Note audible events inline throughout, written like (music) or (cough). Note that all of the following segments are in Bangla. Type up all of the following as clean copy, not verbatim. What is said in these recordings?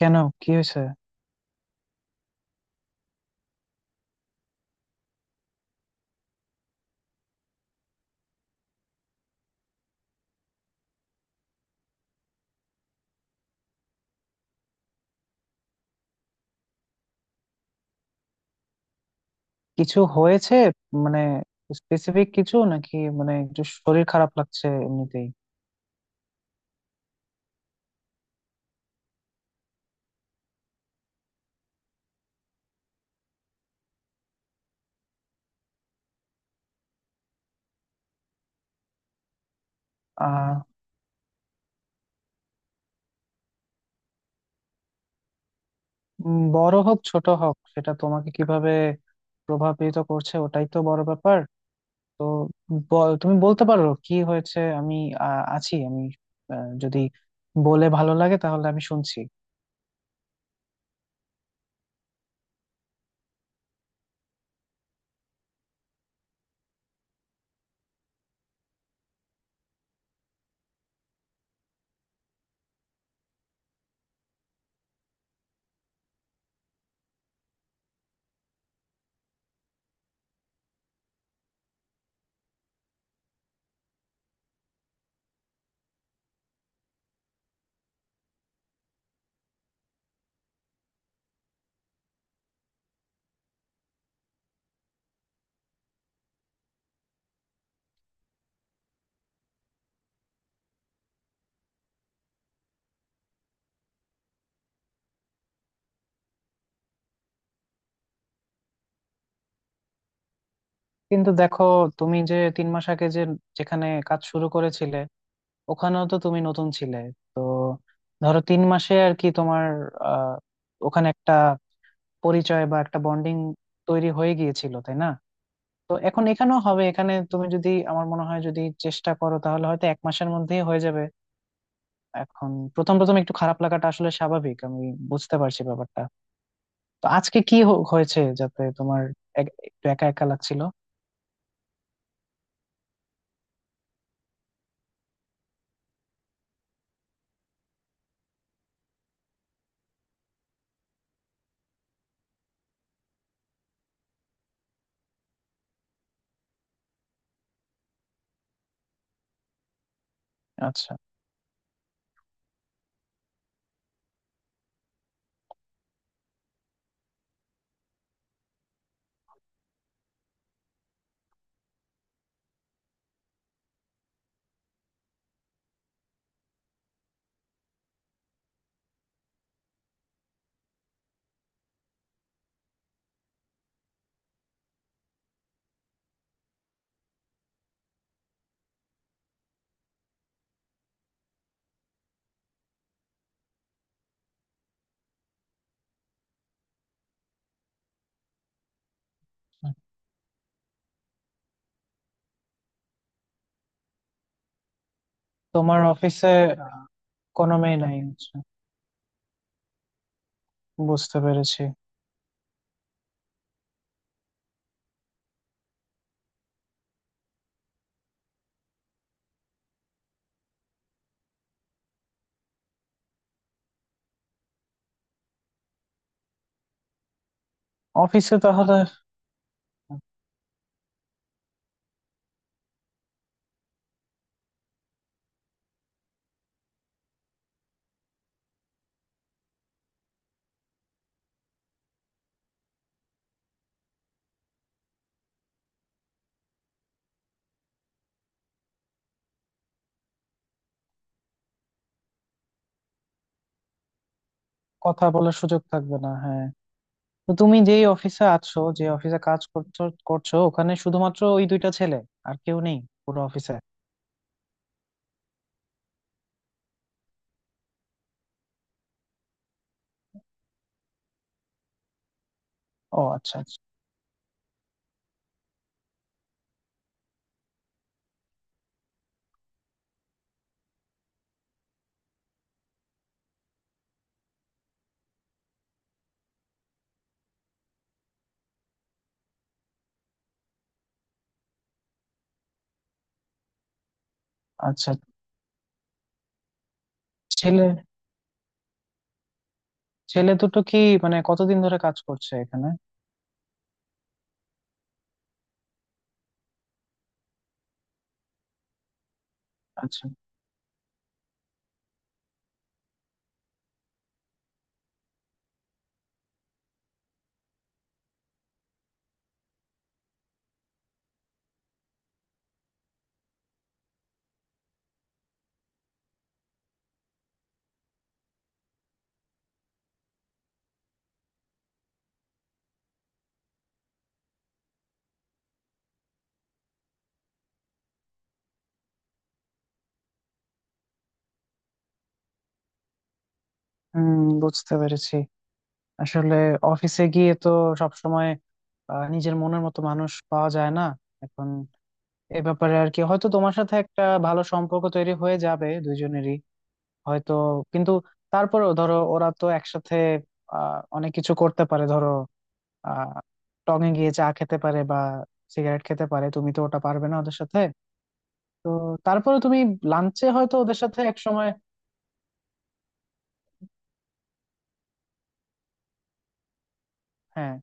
কেন? কি হয়েছে? কিছু হয়েছে? মানে, স্পেসিফিক কিছু নাকি মানে একটু শরীর খারাপ লাগছে এমনিতেই? আহ বড় হোক ছোট হোক, সেটা তোমাকে কিভাবে প্রভাবিত করছে ওটাই তো বড় ব্যাপার। তো তুমি বলতে পারো কি হয়েছে, আমি আছি। আমি যদি বলে ভালো লাগে তাহলে আমি শুনছি। কিন্তু দেখো, তুমি যে তিন মাস আগে যেখানে কাজ শুরু করেছিলে, ওখানেও তো তুমি নতুন ছিলে। তো ধরো তিন মাসে আর কি তোমার আহ, ওখানে একটা পরিচয় বা একটা বন্ডিং তৈরি হয়ে গিয়েছিল, তাই না? তো এখন এখানেও হবে। এখানে তুমি যদি, আমার মনে হয় যদি চেষ্টা করো তাহলে হয়তো এক মাসের মধ্যেই হয়ে যাবে। এখন প্রথম প্রথম একটু খারাপ লাগাটা আসলে স্বাভাবিক, আমি বুঝতে পারছি ব্যাপারটা। তো আজকে কি হয়েছে যাতে তোমার একটু একা একা লাগছিল? আচ্ছা, তোমার অফিসে কোনো মেয়ে নাই? আচ্ছা। বুঝতে পেরেছি। অফিসে তাহলে? কথা বলার সুযোগ থাকবে না, হ্যাঁ। তো তুমি যেই অফিসে আছো, যে অফিসে কাজ করছো করছো, ওখানে শুধুমাত্র ওই দুইটা ছেলে, আর কেউ নেই পুরো অফিসে? ও আচ্ছা আচ্ছা। আচ্ছা। ছেলে ছেলে দুটো কি মানে কতদিন ধরে কাজ করছে এখানে? আচ্ছা। হুম, বুঝতে পেরেছি। আসলে অফিসে গিয়ে তো সবসময় নিজের মনের মতো মানুষ পাওয়া যায় না। এখন এ ব্যাপারে আর কি হয়তো তোমার সাথে একটা ভালো সম্পর্ক তৈরি হয়ে যাবে দুইজনেরই, হয়তো। কিন্তু তারপরেও ধরো ওরা তো একসাথে অনেক কিছু করতে পারে। ধরো আহ টঙে গিয়ে চা খেতে পারে বা সিগারেট খেতে পারে, তুমি তো ওটা পারবে না ওদের সাথে। তো তারপরে তুমি লাঞ্চে হয়তো ওদের সাথে এক সময়। হ্যাঁ।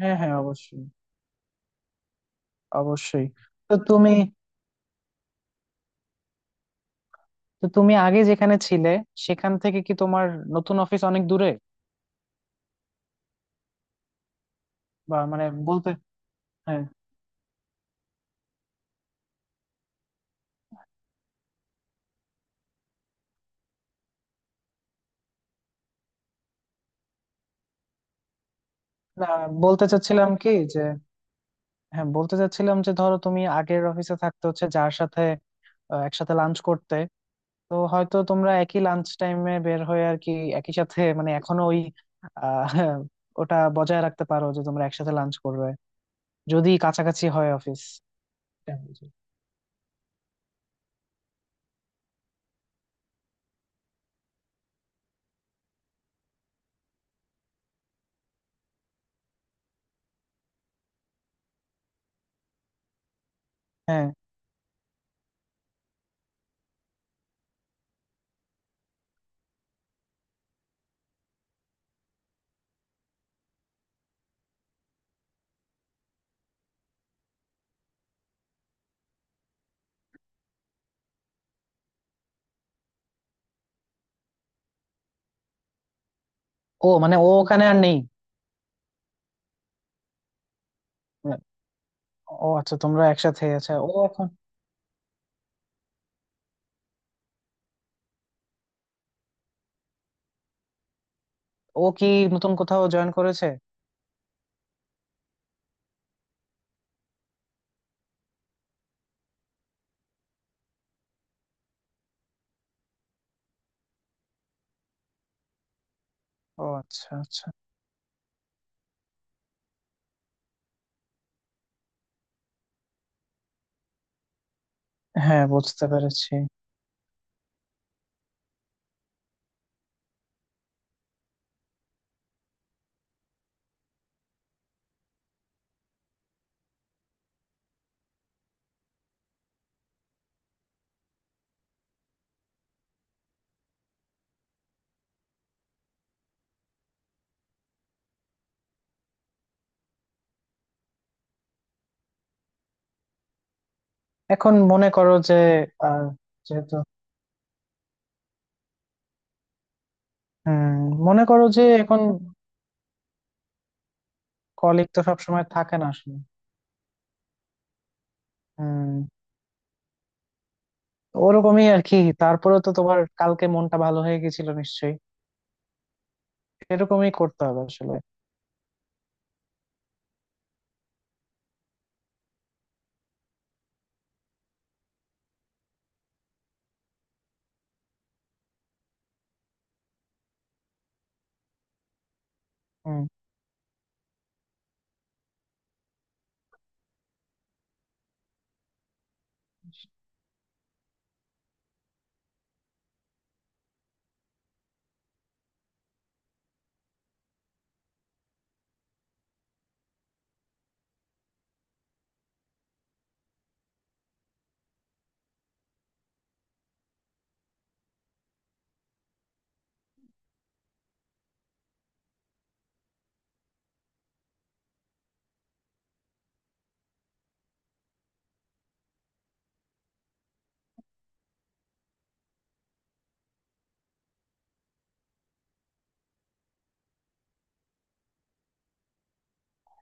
হ্যাঁ, হ্যাঁ, অবশ্যই। অবশ্যই। তো তুমি, তো তুমি আগে যেখানে ছিলে, সেখান থেকে কি তোমার নতুন অফিস অনেক দূরে? বা মানে বলতে, হ্যাঁ। না, বলতে চাচ্ছিলাম কি যে, হ্যাঁ বলতে চাচ্ছিলাম যে ধরো তুমি আগের অফিসে থাকতে, হচ্ছে যার সাথে একসাথে লাঞ্চ করতে, তো হয়তো তোমরা একই লাঞ্চ টাইমে বের হয়ে আর কি একই সাথে মানে এখনো ওই আহ, (laughs) ওটা বজায় রাখতে পারো যে তোমরা একসাথে লাঞ্চ করবে, যদি কাছাকাছি হয় অফিস। হ্যাঁ। ও মানে ও ওখানে আর নেই। ও আচ্ছা, তোমরা একসাথে। আচ্ছা, ও এখন? ও কি নতুন কোথাও জয়েন করেছে? ও আচ্ছা আচ্ছা। হ্যাঁ, বুঝতে পেরেছি। এখন মনে করো যে আহ, যেহেতু। হম। মনে করো যে এখন কলিগ তো সবসময় থাকে না আসলে। হম। ওরকমই আর কি। তারপরে তো তোমার কালকে মনটা ভালো হয়ে গেছিল নিশ্চয়ই। এরকমই করতে হবে আসলে। হুম।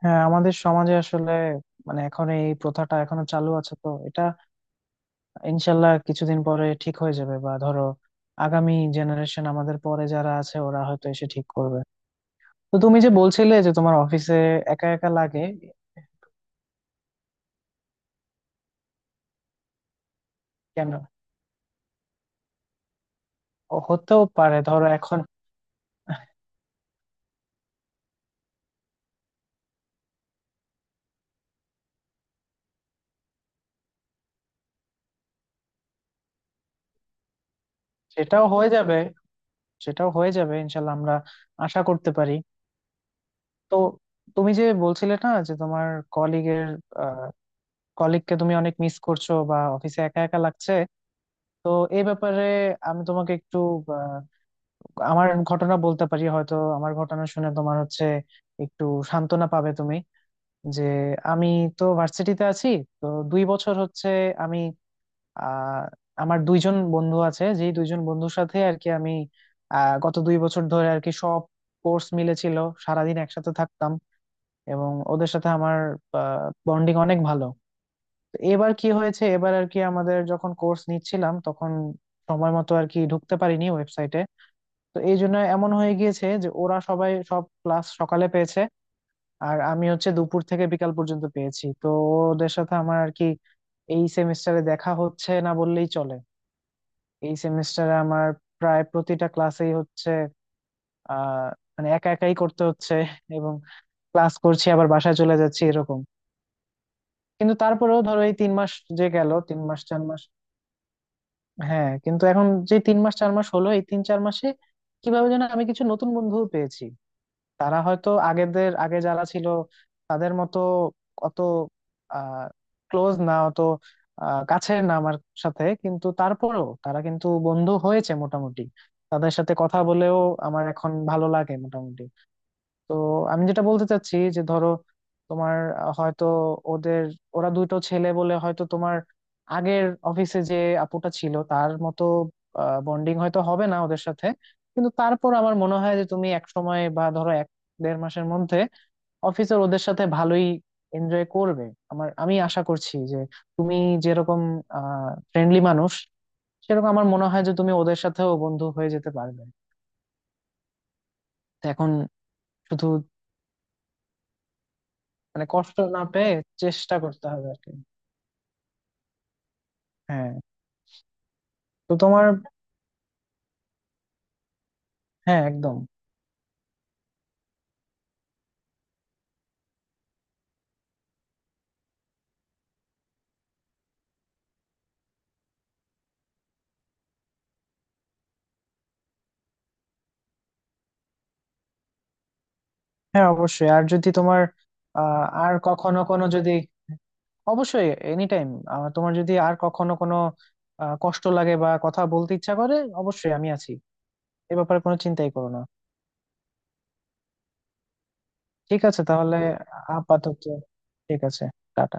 হ্যাঁ, আমাদের সমাজে আসলে মানে এখন এই প্রথাটা এখনো চালু আছে, তো এটা ইনশাল্লাহ কিছুদিন পরে ঠিক হয়ে যাবে বা ধরো আগামী জেনারেশন আমাদের পরে যারা আছে ওরা হয়তো এসে ঠিক করবে। তো তুমি যে বলছিলে যে তোমার অফিসে একা একা লাগে, কেন? ও, হতেও পারে ধরো এখন। সেটাও হয়ে যাবে, সেটাও হয়ে যাবে ইনশাল্লাহ, আমরা আশা করতে পারি। তো তুমি যে বলছিলে না যে তোমার কলিগের কলিগকে তুমি অনেক মিস করছো বা অফিসে একা একা লাগছে, তো এই ব্যাপারে আমি তোমাকে একটু আহ, আমার ঘটনা বলতে পারি। হয়তো আমার ঘটনা শুনে তোমার হচ্ছে একটু সান্ত্বনা পাবে তুমি। যে আমি তো ভার্সিটিতে আছি, তো দুই বছর হচ্ছে আমি আহ আমার দুইজন বন্ধু আছে, যেই দুইজন বন্ধুর সাথে আর কি আমি গত দুই বছর ধরে আর কি সব কোর্স মিলেছিল, সারাদিন একসাথে থাকতাম এবং ওদের সাথে আমার বন্ডিং অনেক ভালো। তো এবার কি হয়েছে, এবার আর কি আমাদের যখন কোর্স নিচ্ছিলাম তখন সময় মতো আর কি ঢুকতে পারিনি ওয়েবসাইটে। তো এই জন্য এমন হয়ে গিয়েছে যে ওরা সবাই সব ক্লাস সকালে পেয়েছে, আর আমি হচ্ছে দুপুর থেকে বিকাল পর্যন্ত পেয়েছি। তো ওদের সাথে আমার আর কি এই সেমিস্টারে দেখা হচ্ছে না বললেই চলে। এই সেমিস্টারে আমার প্রায় প্রতিটা ক্লাসেই হচ্ছে আহ মানে একা একাই করতে হচ্ছে, এবং ক্লাস করছি আবার বাসায় চলে যাচ্ছি এরকম। কিন্তু তারপরেও ধরো এই তিন মাস যে গেল, তিন মাস চার মাস, হ্যাঁ কিন্তু এখন যে তিন মাস চার মাস হলো এই তিন চার মাসে কিভাবে যেন আমি কিছু নতুন বন্ধু পেয়েছি। তারা হয়তো আগে যারা ছিল তাদের মতো অত আহ ক্লোজ না, অত কাছের না আমার সাথে, কিন্তু তারপরেও তারা কিন্তু বন্ধু হয়েছে মোটামুটি। তাদের সাথে কথা বলেও আমার এখন ভালো লাগে মোটামুটি। তো আমি যেটা বলতে চাচ্ছি যে ধরো তোমার হয়তো ওদের ওরা দুটো ছেলে বলে হয়তো তোমার আগের অফিসে যে আপুটা ছিল তার মতো বন্ডিং হয়তো হবে না ওদের সাথে, কিন্তু তারপর আমার মনে হয় যে তুমি এক সময় বা ধরো এক দেড় মাসের মধ্যে অফিসের ওদের সাথে ভালোই এনজয় করবে। আমি আশা করছি যে তুমি যেরকম ফ্রেন্ডলি মানুষ, সেরকম আমার মনে হয় যে তুমি ওদের সাথেও বন্ধু হয়ে যেতে পারবে। তো এখন শুধু মানে কষ্ট না পেয়ে চেষ্টা করতে হবে আর কি। হ্যাঁ। তো তোমার, হ্যাঁ একদম। হ্যাঁ অবশ্যই। আর যদি তোমার আর কখনো কোনো যদি, অবশ্যই এনি টাইম, তোমার যদি আর কখনো কোনো কষ্ট লাগে বা কথা বলতে ইচ্ছা করে, অবশ্যই আমি আছি। এ ব্যাপারে কোনো চিন্তাই করো না। ঠিক আছে তাহলে, আপাতত ঠিক আছে। টাটা।